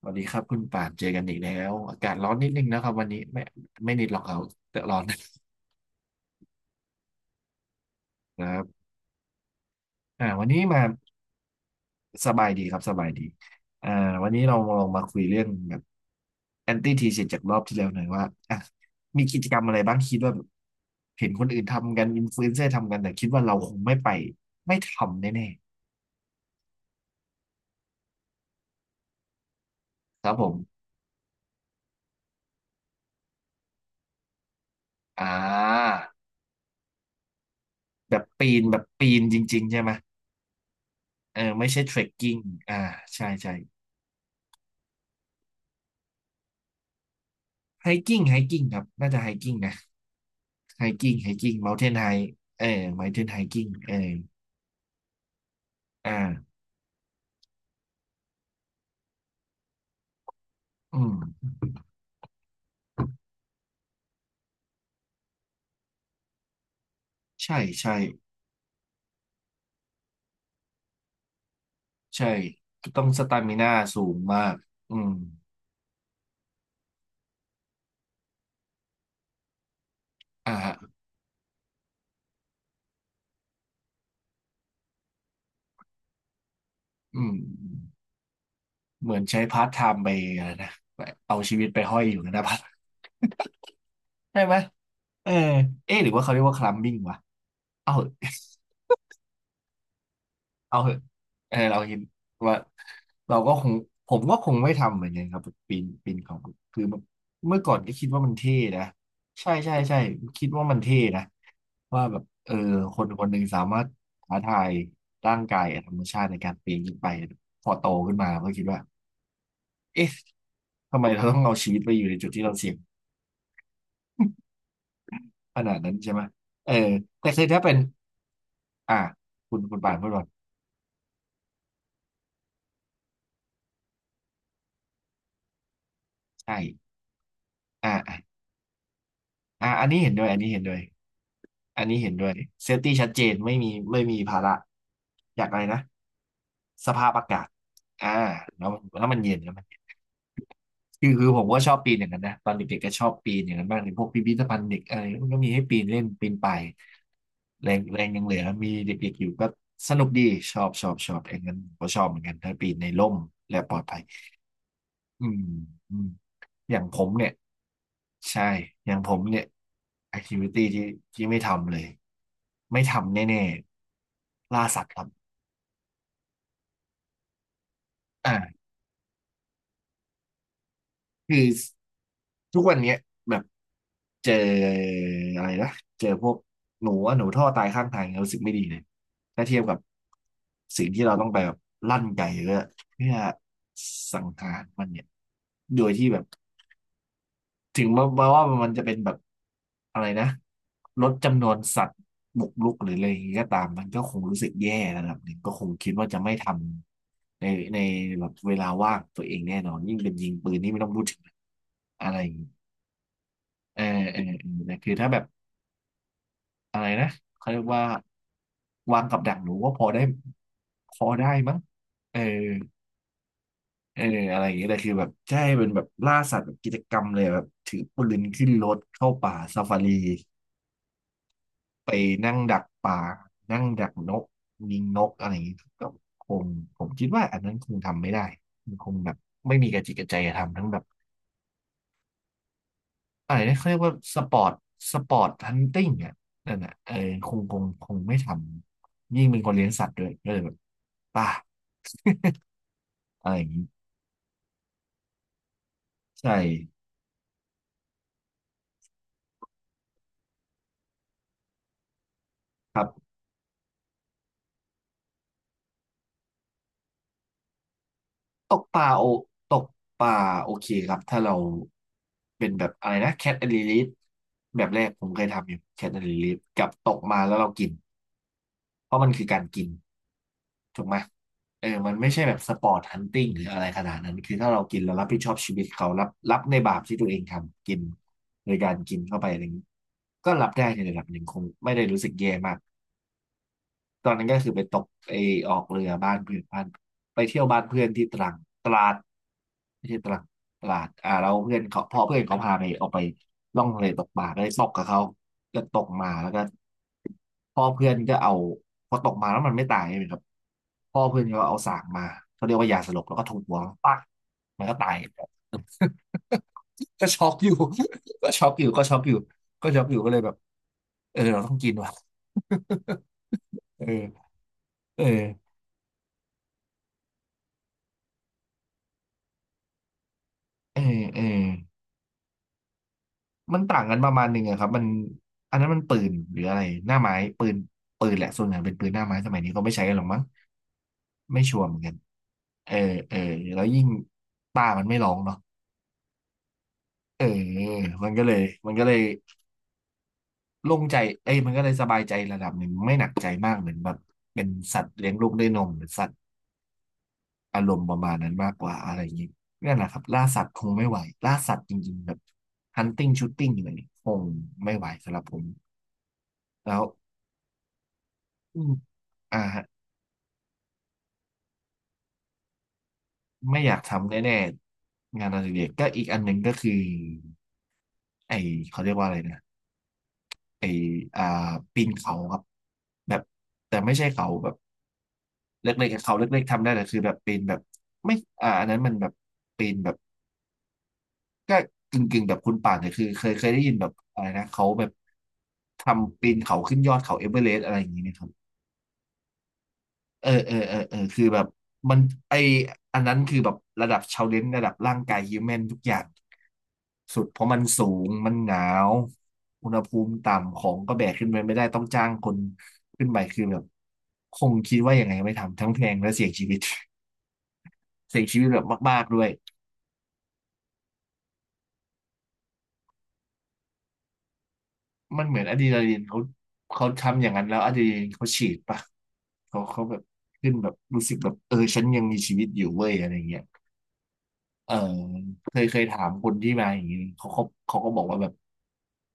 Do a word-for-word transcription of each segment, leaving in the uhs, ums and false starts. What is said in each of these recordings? สวัสดีครับคุณป่านเจอกันอีกแล้วอากาศร้อนนิดนึงนะครับวันนี้ไม่ไม่นิดหรอกเอาแต่ร้อนนะครับอ่าวันนี้มาสบายดีครับสบายดีอ่าวันนี้เราลองมาคุยเรื่องแบบแอนตี้ทีเจากรอบที่แล้วหน่อยว่าอ่ะมีกิจกรรมอะไรบ้างคิดว่าแบบเห็นคนอื่นทำกันอินฟลูเอนเซอร์ทำกันแต่คิดว่าเราคงไม่ไปไม่ทำแน่ๆครับผมอ่าแบบปีนแบบปีนจริงๆใช่ไหมเออไม่ใช่เทรคกิ้งอ่าใช่ใช่ไฮกิ้งไฮกิ้งครับน่าจะไฮกิ้งนะ ไฮกิ้งไฮกิ้งเมาน์เทนไฮเออเมาน์เทนไฮกิ้งเอออ่าอืมใช่ใช่ ใช่ต้องสตามิน่าสูงมาก อืมอ่าฮะอืม เหมือนใช้พาร์ทไทม์ไปอะไรนะ เอาชีวิตไปห้อยอยู่นะพัด ใช่ไหม เออเอ๊ะหรือว่าเขาเรียกว่าคลัมบิ้งวะเอ้า เอาเหอะเออเราเห็นว่าเราก็คงผมก็คงไม่ทำเหมือนกันครับปีนปีนเขาคือเมื่อก่อนก็คิดว่ามันเท่นะใช่ใช่ใช่คิดว่ามันเท่นะว่าแบบเออคนคนหนึ่งสามารถท้าทายร่างกายกับธรรมชาติในการปีนขึ้นไปพอโตขึ้นมาก็คิดว่าเอ๊ะทำไมเราต้องเอาชีวิตไปอยู่ในจุดที่เราเสี่ยงขนาดนั้นใช่ไหมเออแต่คือถ้าเป็นอ่าคุณคุณป่านพูดก่อนใช่อ่าอ่าอ่าอันนี้เห็นด้วยอันนี้เห็นด้วย อันนี้เห็นด้วยเซฟตี้ชัดเจนไม่มีไม่มีภาระอยากอะไรนะสภาพอากาศอ่าแล้วแล้วมันเย็นแล้วมันเย็นคือคือผมก็ชอบปีนอย่างนั้นนะตอนเด็กๆก็ชอบปีนอย่างนั้นบ้างในพวกพิพิธภัณฑ์เด็กอะไรมันก็มีให้ปีนเล่นปีนไปายแรงแรงยังเหลือมีเด็กๆอยู่ก็สนุกดีชอบชอบชอบเอย่างนั้นผมก็ชอบเหมือนกันถ้าปีนในร่มและปลอดภัย อืมอืมอย่างผมเนี่ยใช่อย่างผมเนี่ย activity ที่ที่ไม่ทำเลยไม่ทำแน่ๆล่าสัตว์ครับอ่าคือทุกวันเนี้ยแบบเจออะไรนะเจอพวกหนูอะหนูท่อตายข้างทางเนี่ยรู้สึกไม่ดีเลยถ้าเทียบกับสิ่งที่เราต้องไปแบบลั่นไก่เพื่อเพื่อสังหารมันเนี่ยโดยที่แบบ ถึงมามาว่ามันจะเป็นแบบอะไรนะลดจำนวนสัตว์บุกรุกหรืออะไรอย่างนี้ก็ตามมันก็คงรู้สึกแย่ระดับหนึ่งก็คงคิดว่าจะไม่ทำในในแบบเวลาว่างตัวเองแน่นอนยิ่งเป็นยิงปืนนี่ไม่ต้องพูดถึงอะไรอย่างงี้เออเออเออแต่คือถ้าแบบอะไรนะเขาเรียกว่าวางกับดักหนูก็พอได้พอได้มั้งเออเอออะไรอย่างเงี้ยแต่คือแบบใช่เป็นแบบล่าสัตว์แบบกิจกรรมเลยแบบถือปืนขึ้นรถเข้าป่าซาฟารี ไปนั่งดักปลา นั่งดักนกยิงนกอะไรอย่างนี้ก็คงผมคิดว่าอันนั้นคงทำไม่ได้มันคงแบบไม่มีกระจิตกระใจจะทำทั้งแบบอะไรนะเขาเรียกว่าสปอร์ต สปอร์ตฮันติงอ่ะนั่นอ่ะเออคงคงคงไม่ทำยิ่งเป็นคนเลี้ยงสัตว์ด้วยก็เลยแบบป่า อะไรอย่างนี้ใช่ครับตกปลาโอตกปลาโอเคครับถ้าเราเป็นแบบอะไรนะแคทแอนด์ลิลแบบแรกผมเคยทำอยู่แคทแอนด์ลิลกับตกมาแล้วเรากิน เพราะมันคือการกิน ถูกไหมเออมันไม่ใช่แบบสปอร์ตฮันติ g งหรืออะไรขนาดนั้น คือถ้าเรากินเรารับผิดชอบชีวิตเขารับรับในบาปที่ตัวเองทำกินโดยการกินเข้าไปอะไรอย่างนี้ก็รับได้ในระดับหนึ่งคงไม่ได้รู้สึกแย่มาก ตอนนั้นก็คือไปตกไอออกเรือบ้านเพื่อนบ้านไปเที่ยวบ้านเพื่อนที่ตรังตราดไม่ใช่ตรังตราดอ่าเราเพื่อนเขาพอเพื่อนเขาพาไปออกไปล่องทะเลตกปลาก็เลยตกกับเขาก็ตกมาแล้วก็พ่อเพื่อนก็เอาพอตกมาแล้วมันไม่ตายใช่ไหมครับพ่อเพื่อนก็เอาสากมาเขาเรียกว่ายาสลบแล้วก็ทุบหัวปักมันก็ตายก็ช็อกอยู่ ก็ช็อกอยู่ก็ช็อกอยู่ก็ช็อกอยู่ก็เลยแบบเออเราต้องกินว่ะ เออเออเออเออ มันต่างกันประมาณหนึ่งอะครับมันอันนั้นมันปืนหรืออะไรหน้าไม้ปืนปืนแหละส่วนใหญ่เป็นปืนหน้าไม้สมัยนี้ก็ไม่ใช้กันหรอกมั้งไม่ชัวร์เหมือนกันเออเออแล้วยิ่งป้ามันไม่ร้องเนาะเออมันก็เลยมันก็เลยโล่งใจเอ้ยมันก็เลยสบายใจระดับหนึ่งไม่หนักใจมากเหมือนแบบเป็นสัตว์เลี้ยงลูกด้วยนมหรือสัตว์อารมณ์ประมาณนั้นมากกว่าอะไรอย่างนี้นั่นแหละครับล่าสัตว์คงไม่ไหวล่าสัตว์จริงๆแบบ hunting shooting อะไรนี่คงไม่ไหวสำหรับผมแล้วอืมอ่า ไม่อยากทำแน่ๆงานอดิเรกก็อีกอันหนึ่งก็คือไอเขาเรียกว่าอะไรนะไออ่าปีนเขาครับแบบแต่ไม่ใช่เขาแบบเล็กๆเขาเล็กๆทำได้แต่คือแบบปีนแบบไม่อ่าอันนั้นมันแบบปีนแบบก็กึ่งๆแบบคุณป่านแต่คือเคยเคยได้ยินแบบอะไรนะเขาแบบทำปีนเขาขึ้นยอดเขาเอเวอเรสต์อะไรอย่างนี้ไหมครับเออเออเออเออคือแบบมันไออันนั้นคือแบบระดับชาเลนจ์ระดับร่างกายฮิวแมนทุกอย่าง สุดเพราะมันสูงมันหนาวอุณหภูมิต่ำของก็แบกขึ้นไปไม่ได้ต้องจ้างคนขึ้นไปคือแบบคงคิดว่ายังไงไม่ทำทั้งแพงและเสี่ยงชีวิต เสี่ยงชีวิตแบบมากๆด้วยมันเหมือนอะดรีนาลีนเขาเขาทำอย่างนั้นแล้วอะดรีนาลีนเขาฉีดปะเขาเขาแบบขึ้นแบบรู้สึกแบบเออฉันยังมีชีวิตอยู่เว้ยอะไรเงี้ย เออเคยเคยถามคนที่มาอย่างนี้เขาเขาเขาก็บอกว่าแบบ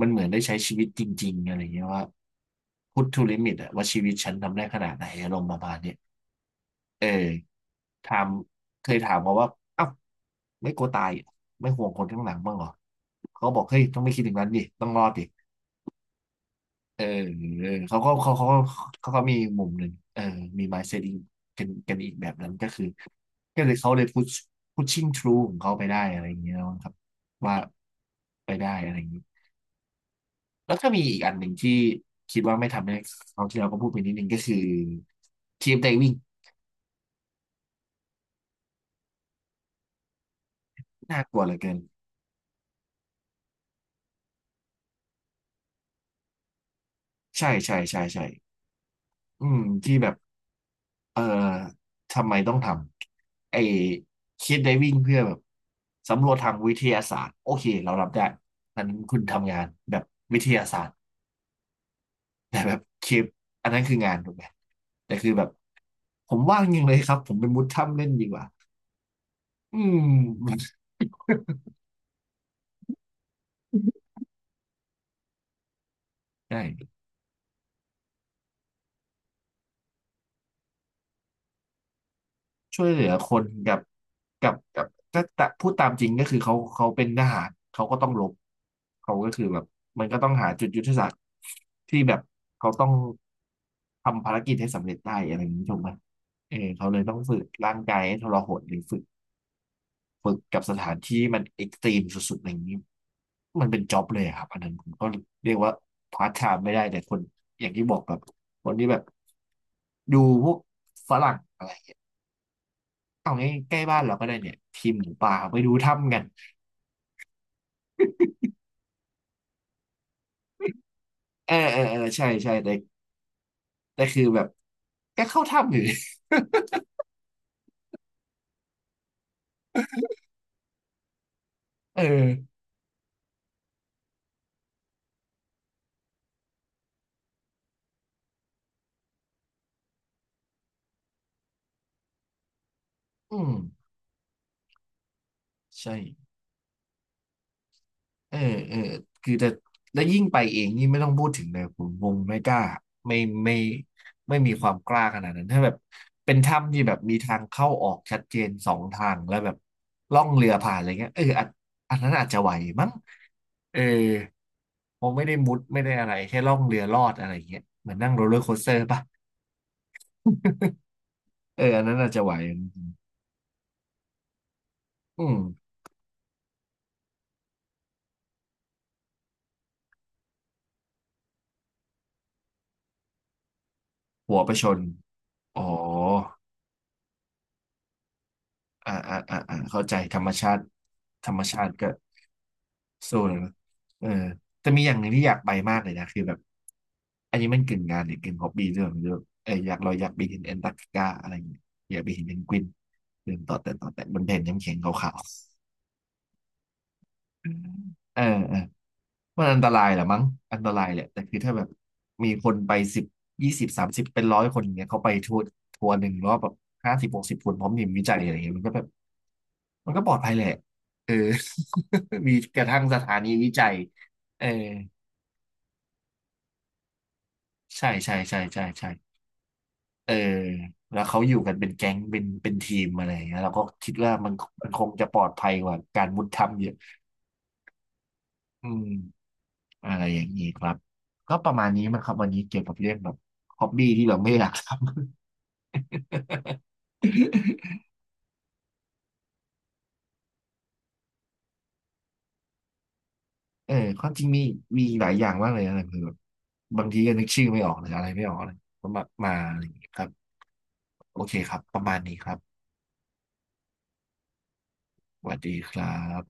มันเหมือนได้ใช้ชีวิตจริงๆอะไรเงี้ยว่าพุท t ูลิมิตอะว่าชีวิตฉันทำได้ขนาดไหนอารมณ์ประมาณเนี้ยเออถามเคยถามเขาว่าเอ้าไม่กลัวตายเหรอไม่ห่วงคนข้างหลังบ้างเหรอเขาบอกเฮ้ยต้องไม่คิดถึงนั้นดิต้องรอดดิ เออเออเขาก็เขาเขาเขาก็มีมุมหนึ่งเออมี mindset อีกกันกันอีกแบบนั้นก็คือก็เลยเขาเลย push pushing through ของเขาไปได้อะไรอย่างเงี้ยครับว่าไปได้อะไรอย่างนี้แล้วก็มีอีกอันหนึ่งที่คิดว่าไม่ทำให้เขาวที่เราก็พูดไปนิดนึงก็คือทีมไดวิ่งน่ากลัวเหลือเกินใช่ใช่ใช่ใช่อืมที่แบบ เออทำไมต้องทำไอ้คิดไดวิ่งเพื่อแบบสำรวจทางวิทยาศาสตร์โอเคเรารับได้อันนั้นคุณทำงานแบบวิทยาศาสตร์แต่แบบคลิปอันนั้นคืองานถูกไหมแต่คือแบบผมว่างยิงเลยครับผมเป็นมุดถ้ำเล่นดีกว่าอืม ใช่ ช่วยเหลือคนกับกับกับถ้าถ้าพูดตามจริงก็คือเขาเขาเป็นทหารเขาก็ต้องรบเขาก็คือแบบมันก็ต้องหาจุดยุทธศาสตร์ที่แบบเขาต้องทำภารกิจให้สำเร็จได้อะไรอย่างนี้ถูกไหมเออเขาเลยต้องฝึกร่างกายให้ทรหดหรือฝึกฝึกกับสถานที่มันเอ็กซ์ตรีมสุดๆอะไรอย่างนี้มันเป็นจ็อบเลยอะครับอันนั้นผมก็เรียกว่าพาร์ทไทม์ไม่ได้แต่คนอย่างที่บอกแบบคนที่แบบดูพวกฝรั่ง เอาง่ายใกล้บ้านเราก็ได้เนี่ยทีมหมูป่าไปดูถ้ำกันเออเออเออใช่ใช่แต่แต่คือแบบก็เข้าถ้ำอยู่ เอออืมใช่เออเออคือแต่แล้วยิ่งไปเองนี่ไม่ต้องพูดถึงเลยผมคงไม่กล้าไม่ไม่ไม่มีความกล้าขนาดนั้นถ้าแบบเป็นถ้ำที่แบบมีทางเข้าออกชัดเจนสองทางแล้วแบบล่องเรือผ่านอะไรเงี้ยเอออันอันนั้นอาจจะไหวมั้งเออผมไม่ได้มุดไม่ได้อะไรแค่ล่องเรือลอดอะไรเงี้ยเหมือนนั่งโรลเลอร์โคสเตอร์ปะ เอออันนั้นอาจจะไหวอืมหัวไปชน อ๋ออ่าอ่าอ่าอ่าเข้าใจธรรมชาติธรรมชาติก็สู้เลยนะเออแต่มีอย่างหนึ่งที่อยากไปมากเลยนะคือแบบอันนี้มันกึ่งงานหรือกึ่งฮอบบี้ด้วยไม่รู้เอออยากเราอยากไปเห็นแอนตาร์กติกาอะไรอย่างเงี้ยอยากไปเห็นเพนกวินเดินต่อแต่ต่อแต่บนแผ่นน้ำแข็งขาวๆเออเออ มันอันตรายแหละมั้งอันตรายแหละแต่คือถ้าแบบมีคนไปสิบยี่สิบสามสิบเป็นร้อยคนอย่างเงี้ยเขาไปทัวร์ทัวร์หนึ่งรอบแบบห้าสิบหกสิบคนพร้อมทีมวิจัยอะไรเงี้ยมันก็แบบมันก็ปลอดภัยแหละเออ มีกระทั่งสถานีวิจัยเออใช่ใช่ใช่ใช่ใช่เออแล้วเขาอยู่กันเป็นแก๊งเป็นเป็นทีมอะไรอย่างเงี้ยเราก็คิดว่ามันมันคงจะปลอดภัยกว่าการมุดถ้ำเยอะอืมอะไรอย่างนี้ครับก็ประมาณนี้มั้งครับวันนี้เกี่ยวกับเรื่องแบบฮอบบี้ที่เราไม่อยากทำ เออความจริงมีมีหลายอย่างมากเลยนะคือแบบบางทีก็นึกชื่อไม่ออกหรืออะไรไม่ออกเลยก็มามาอะไรอย่างเงี้ยครับโอเคครับประมาณนี้ครับสวัสดีครับ